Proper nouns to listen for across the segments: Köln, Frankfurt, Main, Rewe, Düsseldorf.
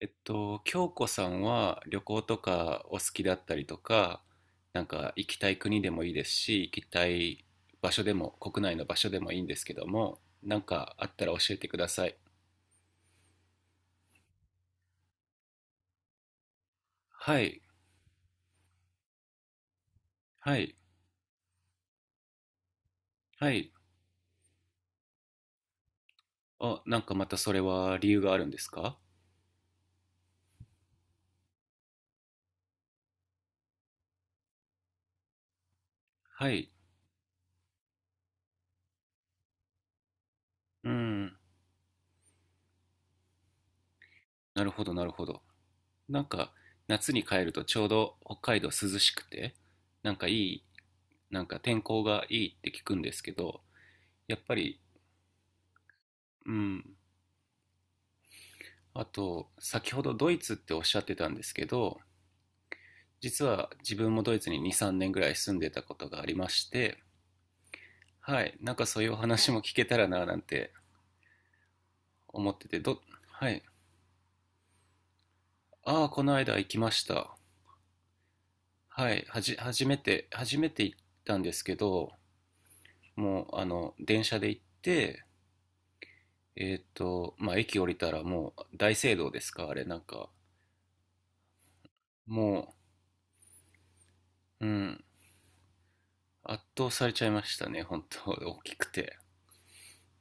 京子さんは旅行とかお好きだったりとか、なんか行きたい国でもいいですし、行きたい場所でも、国内の場所でもいいんですけども、なんかあったら教えてください。はい、はい、はい。あ、なんかまたそれは理由があるんですか？はい、うん、なるほど、なるほど。なんか夏に帰るとちょうど北海道涼しくて、なんかいい、なんか天候がいいって聞くんですけど、やっぱり、うん、あと、先ほどドイツっておっしゃってたんですけど、実は自分もドイツに2、3年ぐらい住んでたことがありまして、はい、なんかそういうお話も聞けたらななんて思ってて、はい、ああ、この間行きました。はい、初めて行ったんですけど、もう、電車で行って、まあ、駅降りたらもう大聖堂ですか、あれ、なんか、もうん、圧倒されちゃいましたね、本当大きくて。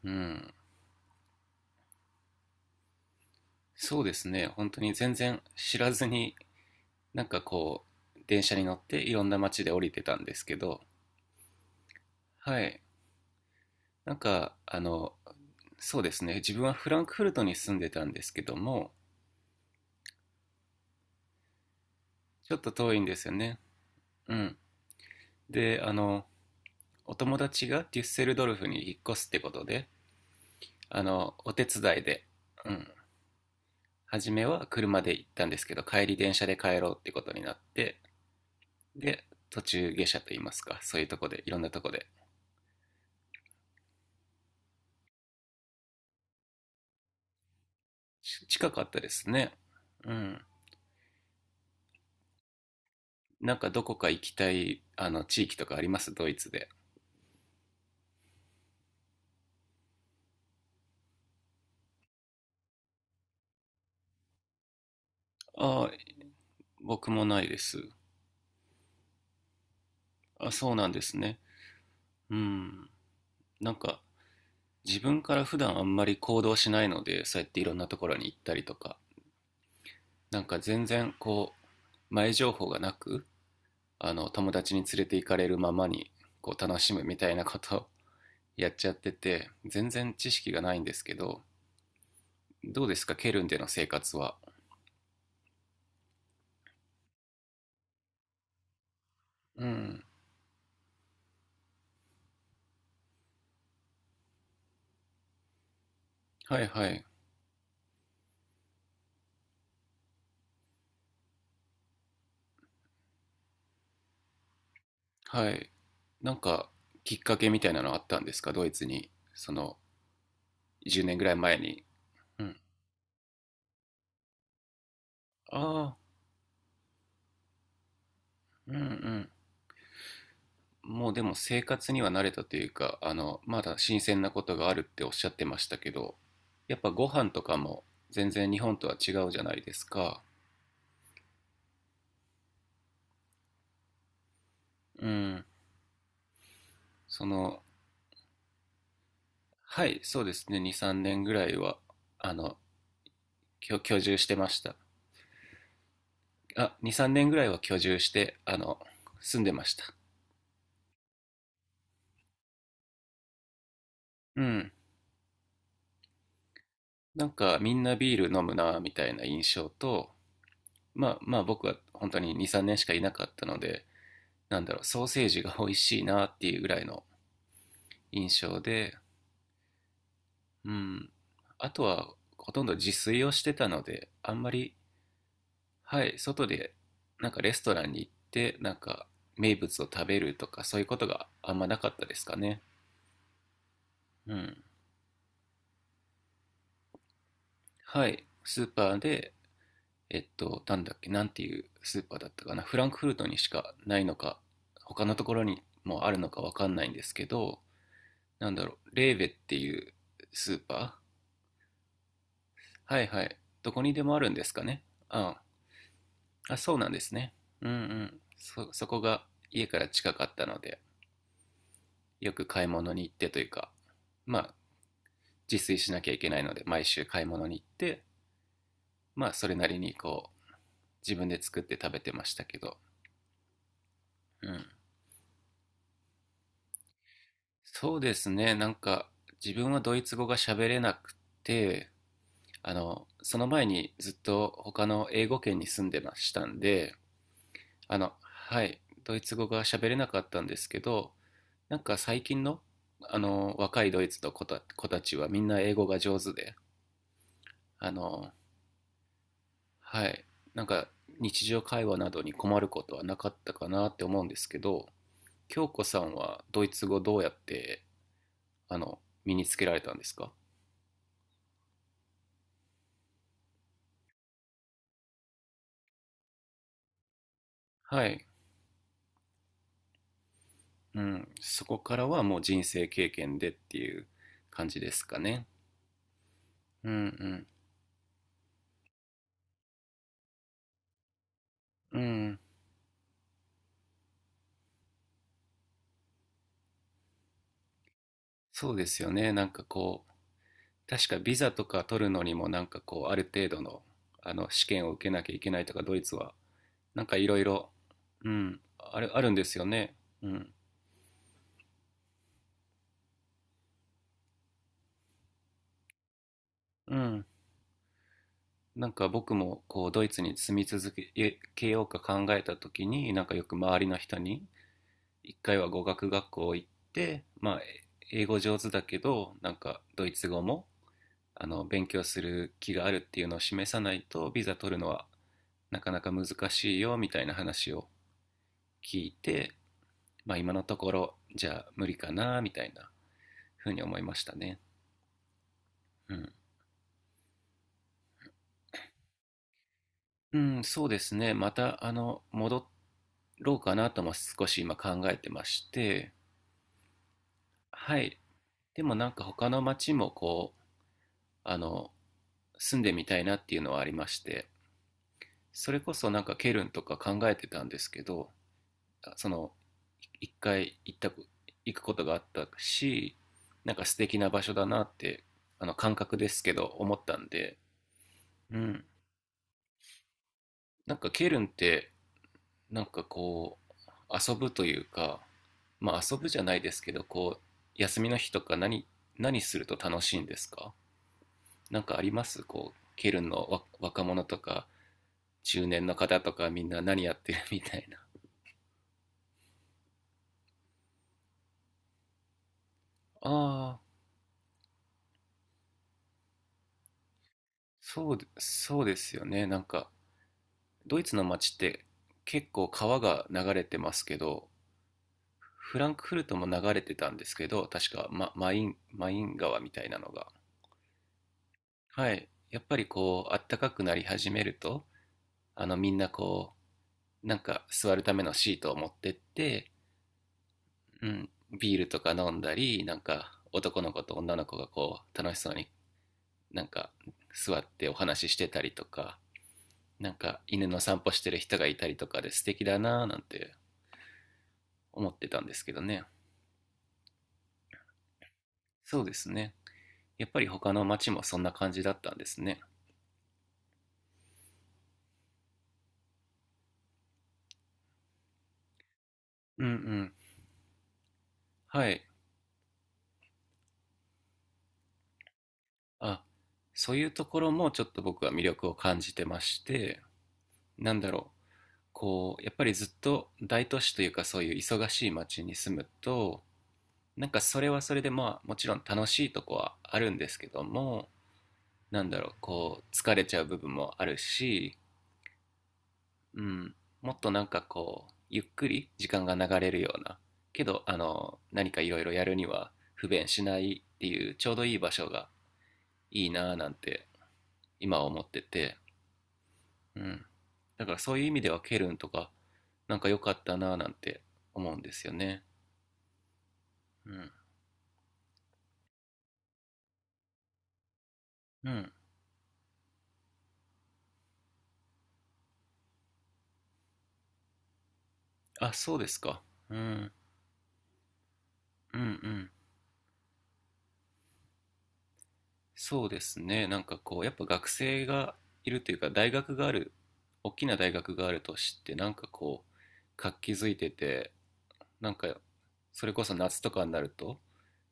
うん。そうですね、本当に全然知らずに、なんかこう、電車に乗っていろんな街で降りてたんですけど、はい、なんか、そうですね、自分はフランクフルトに住んでたんですけども、ちょっと遠いんですよね。うん。で、お友達がデュッセルドルフに引っ越すってことで、お手伝いで、うん、初めは車で行ったんですけど、帰り電車で帰ろうってことになって、で、途中下車といいますか、そういうとこで、いろんなとこで近かったですね。うん。なんかどこか行きたい、地域とかありますドイツで。ああ、僕もないです。あ、そうなんですね。うん。なんか、自分から普段あんまり行動しないので、そうやっていろんなところに行ったりとか、なんか全然こう、前情報がなく、友達に連れて行かれるままに、こう、楽しむみたいなことを やっちゃってて、全然知識がないんですけど、どうですかケルンでの生活は？うん。はいはい。はい。なんか、きっかけみたいなのあったんですかドイツに、その、10年ぐらい前に。うん。ああ、うんうん。もうでも生活には慣れたというか、まだ新鮮なことがあるっておっしゃってましたけど、やっぱご飯とかも全然日本とは違うじゃないですか。うん。その、はい、そうですね。2、3年ぐらいは、あの、居住してました。あ、2、3年ぐらいは居住して、住んでました。うん。なんかみんなビール飲むなみたいな印象と、まあまあ僕は本当に2、3年しかいなかったので、なんだろう、ソーセージが美味しいなっていうぐらいの印象で、うん。あとはほとんど自炊をしてたので、あんまり、はい、外でなんかレストランに行って、なんか名物を食べるとかそういうことがあんまなかったですかね。うん。はい。スーパーでなんだっけ、なんていうスーパーだったかな、フランクフルトにしかないのか、他のところにもあるのかわかんないんですけど、なんだろう、レーベっていうスーパーはいはい。どこにでもあるんですかね？ああ、そうなんですね。うんうん。そこが家から近かったので、よく買い物に行ってというか、まあ、自炊しなきゃいけないので、毎週買い物に行って、まあ、それなりにこう、自分で作って食べてましたけど、うん。そうですね、なんか自分はドイツ語が喋れなくて、その前にずっと他の英語圏に住んでましたんで、はい、ドイツ語が喋れなかったんですけど、なんか最近の、若いドイツの子たちはみんな英語が上手で、あの、はい、なんか日常会話などに困ることはなかったかなって思うんですけど、京子さんはドイツ語どうやって、あの、身につけられたんですか？はい。うん、そこからはもう人生経験でっていう感じですかね。うんうん。うん。そうですよね。なんかこう、確かビザとか取るのにもなんかこう、ある程度の、試験を受けなきゃいけないとか、ドイツは、なんかいろいろ、うん、あるんですよね。うん。うん。なんか僕もこう、ドイツに住み続けようか考えた時に、なんかよく周りの人に、一回は語学学校行って、まあ、英語上手だけど、なんかドイツ語もあの勉強する気があるっていうのを示さないとビザ取るのはなかなか難しいよみたいな話を聞いて、まあ、今のところじゃあ無理かなみたいなふうに思いましたね。うんうん、そうですね。また、戻ろうかなとも少し今考えてまして、はい。でもなんか他の町もこう、あの、住んでみたいなっていうのはありまして、それこそなんかケルンとか考えてたんですけど、その一回行った行くことがあったしなんか素敵な場所だなってあの感覚ですけど思ったんで、うん、なんかケルンってなんかこう遊ぶというかまあ遊ぶじゃないですけどこう休みの日とか何すると楽しいんですか？何かありますこうケルンの若者とか中年の方とかみんな何やってるみたいな？ああそうそうですよねなんかドイツの街って結構川が流れてますけど、フランクフルトも流れてたんですけど、確かマイン川みたいなのが。はい。やっぱりこう、あったかくなり始めると、あのみんなこう、なんか座るためのシートを持ってって、うん、ビールとか飲んだり、なんか男の子と女の子がこう、楽しそうになんか座ってお話ししてたりとか、なんか犬の散歩してる人がいたりとかで素敵だなぁなんて思ってたんですけどね。そうですね。やっぱり他の町もそんな感じだったんですね。うんうん。はい。あ、そういうところもちょっと僕は魅力を感じてまして、なんだろう。こう、やっぱりずっと大都市というかそういう忙しい町に住むと、なんかそれはそれでまあもちろん楽しいとこはあるんですけども、なんだろう、こう疲れちゃう部分もあるし、うん、もっとなんかこうゆっくり時間が流れるようなけどあの何かいろいろやるには不便しないっていうちょうどいい場所がいいなぁなんて今は思ってて、うん、だからそういう意味ではケルンとかなんか良かったなぁなんて思うんですよね。うん、うん、あそうですか。うん、うん、うん、そうですね。なんかこうやっぱ学生がいるというか大きな大学があるとしてなんかこう活気づいててなんかそれこそ夏とかになると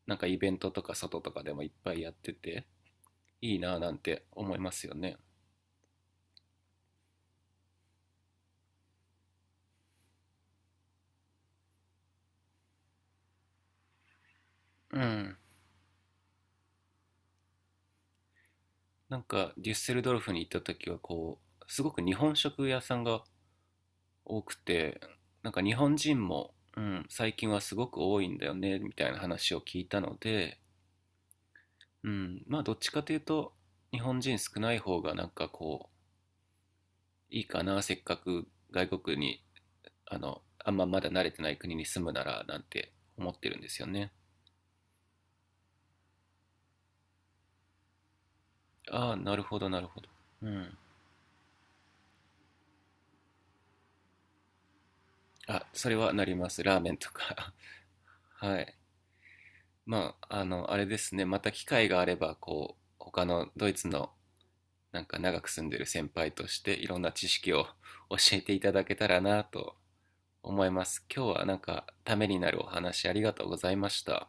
なんかイベントとか外とかでもいっぱいやってていいなぁなんて思いますよね。うん。なんかデュッセルドルフに行った時はこうすごく日本食屋さんが多くてなんか日本人も、うん、最近はすごく多いんだよねみたいな話を聞いたので、うん、まあどっちかというと日本人少ない方がなんかこういいかなせっかく外国にあんままだ慣れてない国に住むならなんて思ってるんですよね。ああ、なるほど、なるほど。うん。あ、それはなります。ラーメンとか はい。まあ、あの、あれですね。また機会があれば、こう、他のドイツのなんか長く住んでる先輩としていろんな知識を教えていただけたらなと思います。今日はなんかためになるお話ありがとうございました。